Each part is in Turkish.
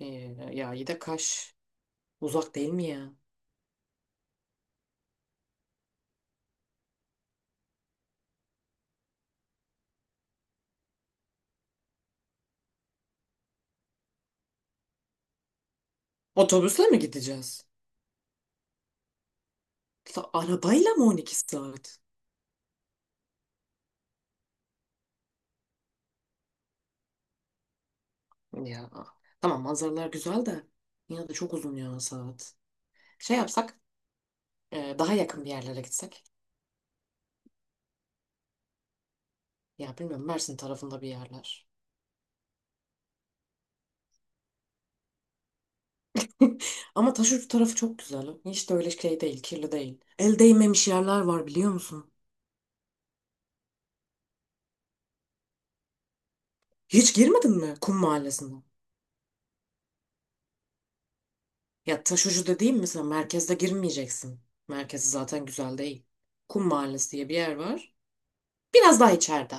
Ee, ya iyi de Kaş uzak değil mi ya? Otobüsle mi gideceğiz? La, arabayla mı 12 saat? Ya tamam manzaralar güzel de yine de çok uzun ya saat. Şey yapsak daha yakın bir yerlere gitsek. Ya bilmiyorum Mersin tarafında bir yerler. Ama Taşucu tarafı çok güzel. Hiç de öyle şey değil, kirli değil. El değmemiş yerler var biliyor musun? Hiç girmedin mi Kum Mahallesine? Ya Taşucu dediğim mesela merkezde girmeyeceksin. Merkezi zaten güzel değil. Kum Mahallesi diye bir yer var. Biraz daha içeride.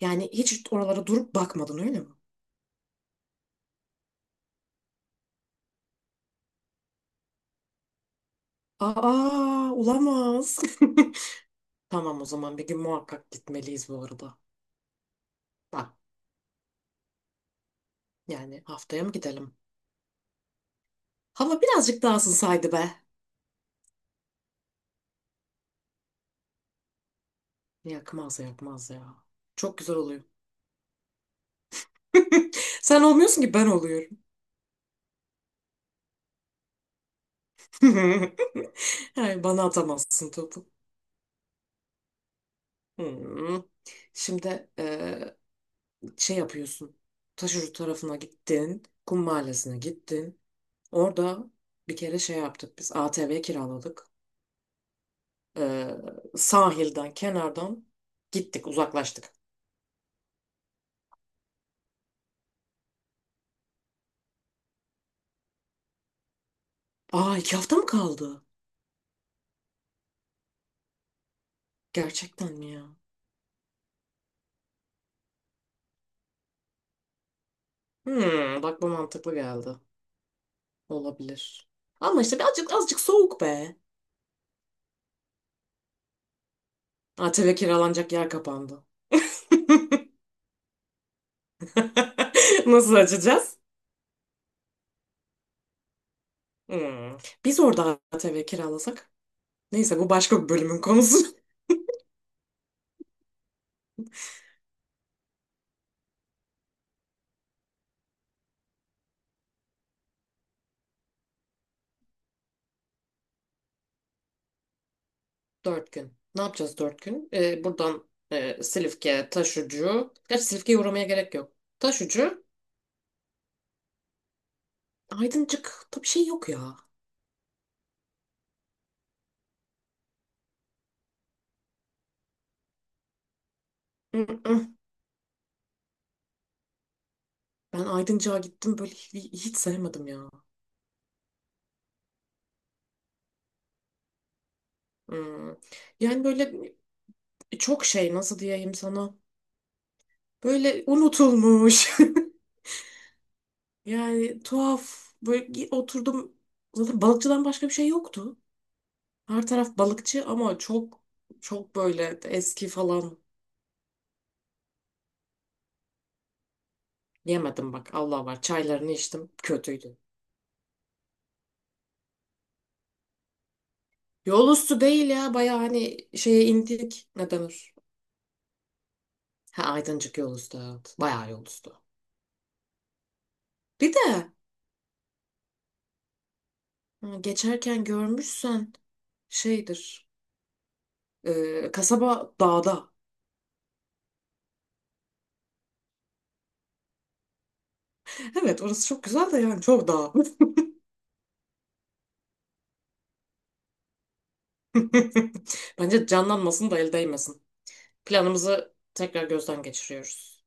Yani hiç oralara durup bakmadın öyle mi? Aa, olamaz. Tamam o zaman bir gün muhakkak gitmeliyiz bu arada. Bak yani haftaya mı gidelim? Hava birazcık daha ısınsaydı be. Yakmaz yakmaz ya. Çok güzel oluyor. Sen olmuyorsun ki ben oluyorum. Yani bana atamazsın topu. Hmm. Şimdi şey yapıyorsun. Taşucu tarafına gittin. Kum Mahallesine gittin. Orada bir kere şey yaptık biz ATV kiraladık. Ee, Sahilden kenardan gittik uzaklaştık. Aa, iki hafta mı kaldı? Gerçekten mi ya? Hmm, bak bu mantıklı geldi. Olabilir. Ama işte birazcık azıcık soğuk be. ATV kiralanacak yer kapandı. Nasıl açacağız? Hmm. Biz orada ATV kiralasak. Neyse bu başka bir bölümün konusu. Dört gün. Ne yapacağız dört gün? Buradan Silifke, Taşucu. Gerçi Silifke'ye uğramaya gerek yok. Taşucu, Aydıncık'ta bir şey yok ya. Mm-mm. Ben Aydıncık'a gittim böyle hiç, sevmedim ya. Hmm. Yani böyle çok şey nasıl diyeyim sana. Böyle unutulmuş. Yani tuhaf. Böyle oturdum. Zaten balıkçıdan başka bir şey yoktu. Her taraf balıkçı ama çok böyle eski falan. Yemedim bak Allah var çaylarını içtim kötüydü. Yol üstü değil ya baya hani şeye indik ne denir? Ha Aydıncık yol üstü, evet baya yol üstü. Bir de ha, geçerken görmüşsen şeydir kasaba dağda. Evet orası çok güzel de yani çok dağ. Bence canlanmasın da el değmesin. Planımızı tekrar gözden geçiriyoruz.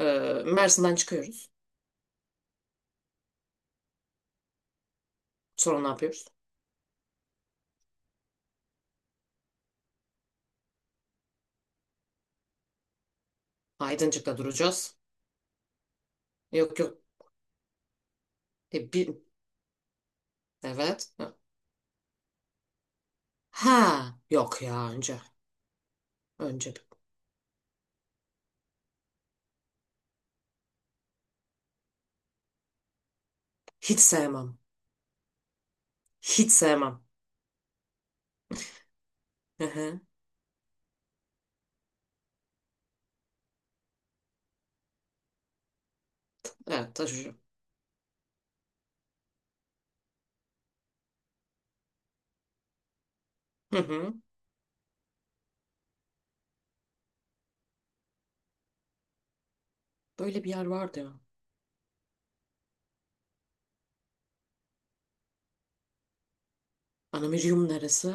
E, Mersin'den çıkıyoruz. Sonra ne yapıyoruz? Aydıncık'ta duracağız. Yok yok. E, bir, evet. Ha, yok ya önce. Önce. Hiç sevmem. Hiç sevmem. Hı hı. Evet taşıcı. Hı hı. Böyle bir yer vardı ya. Anamirium neresi?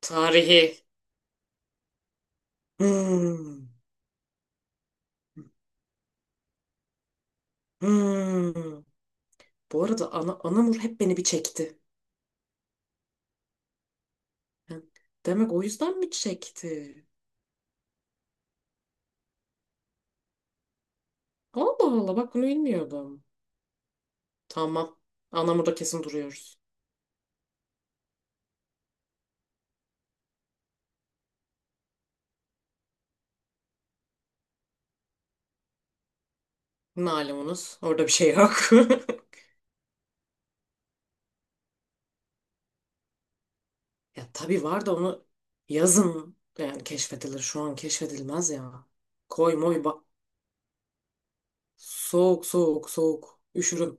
Tarihi. Hmm. Hmm. Bu arada Anamur hep beni bir çekti. Hı. Demek o yüzden mi çekti? Allah Allah, bak bunu bilmiyordum. Tamam. Anamur'da kesin duruyoruz. Malumunuz orada bir şey yok. Ya tabii var da onu yazın yani keşfedilir. Şu an keşfedilmez ya. Koy moy bak. Soğuk soğuk soğuk. Üşürüm.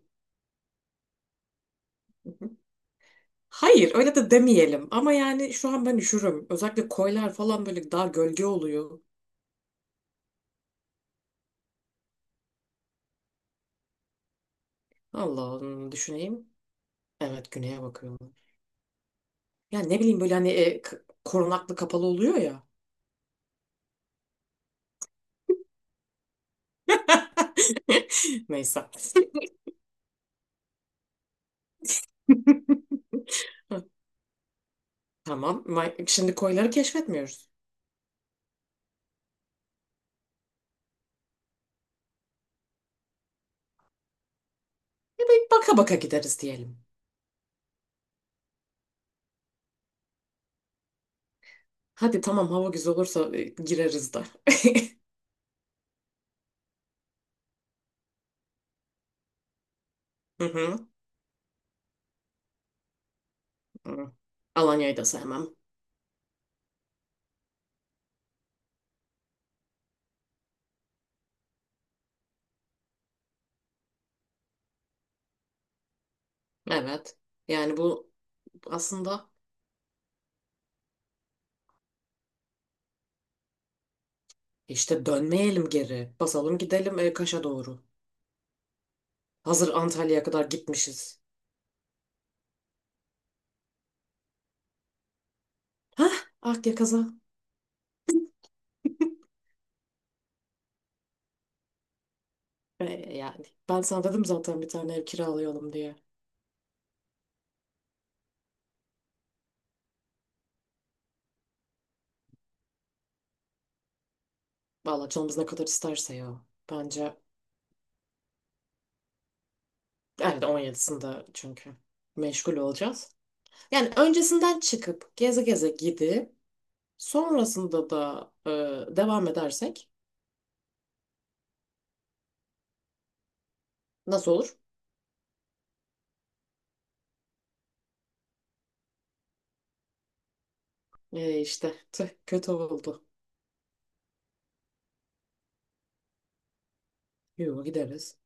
Hayır öyle de demeyelim. Ama yani şu an ben üşürüm. Özellikle koylar falan böyle daha gölge oluyor. Allah'ım düşüneyim. Evet güneye bakıyorum. Ya ne bileyim böyle hani korunaklı kapalı oluyor ya. Neyse. Tamam. Şimdi koyları keşfetmiyoruz. Bir baka baka gideriz diyelim. Hadi tamam hava güzel olursa gireriz de. Hı hı. Hı. Alanya'yı da sevmem. Evet. Yani bu aslında işte dönmeyelim geri. Basalım gidelim Kaş'a doğru. Hazır Antalya'ya kadar gitmişiz. Hah, Akya kaza. E, Yani ben sana dedim zaten bir tane ev kiralayalım diye. Valla canımız ne kadar isterse ya. Bence evet, on yedisinde çünkü meşgul olacağız. Yani öncesinden çıkıp geze geze gidip sonrasında da devam edersek nasıl olur? İşte tüh, kötü oldu. Yo gideriz.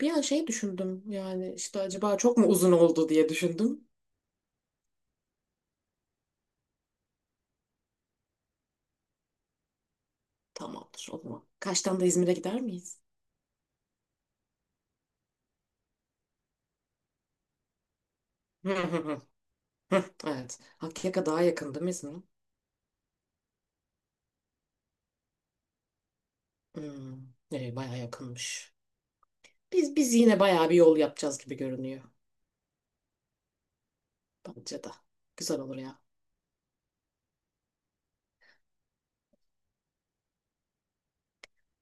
Bir an şey düşündüm yani işte acaba çok mu uzun oldu diye düşündüm. Tamamdır o zaman. Kaçtan da İzmir'e gider miyiz? Hı hı hı. Hı, evet. Hakkâ'ya daha yakın değil mi İzmir? Hmm, bayağı yakınmış. Biz yine bayağı bir yol yapacağız gibi görünüyor. Bence de. Güzel olur ya.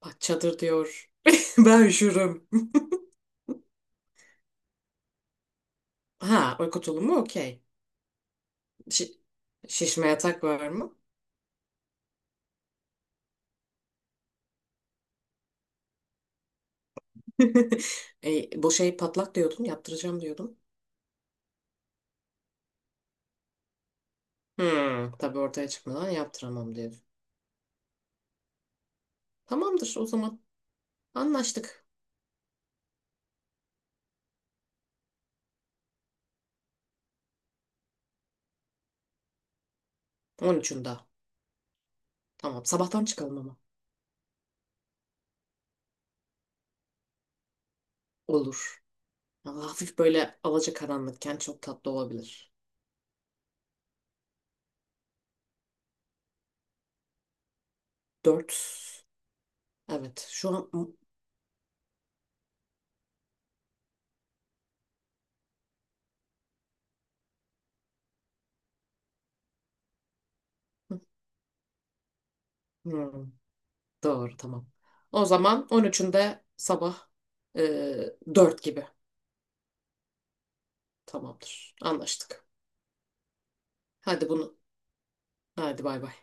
Bak çadır diyor. Ben üşürüm. Ha, uyku tulumu okey. Şi- Şişme yatak var mı? Bu şey patlak diyordun, yaptıracağım diyordun. Hmm, tabii ortaya çıkmadan yaptıramam diyordun. Tamamdır o zaman. Anlaştık. On üçünde. Tamam, sabahtan çıkalım ama. Olur. Ama hafif böyle alacakaranlıkken çok tatlı olabilir. 4. Evet, şu an... Hmm, doğru, tamam. O zaman on üçünde sabah e, 4 gibi. Tamamdır. Anlaştık. Hadi bunu. Hadi bay bay.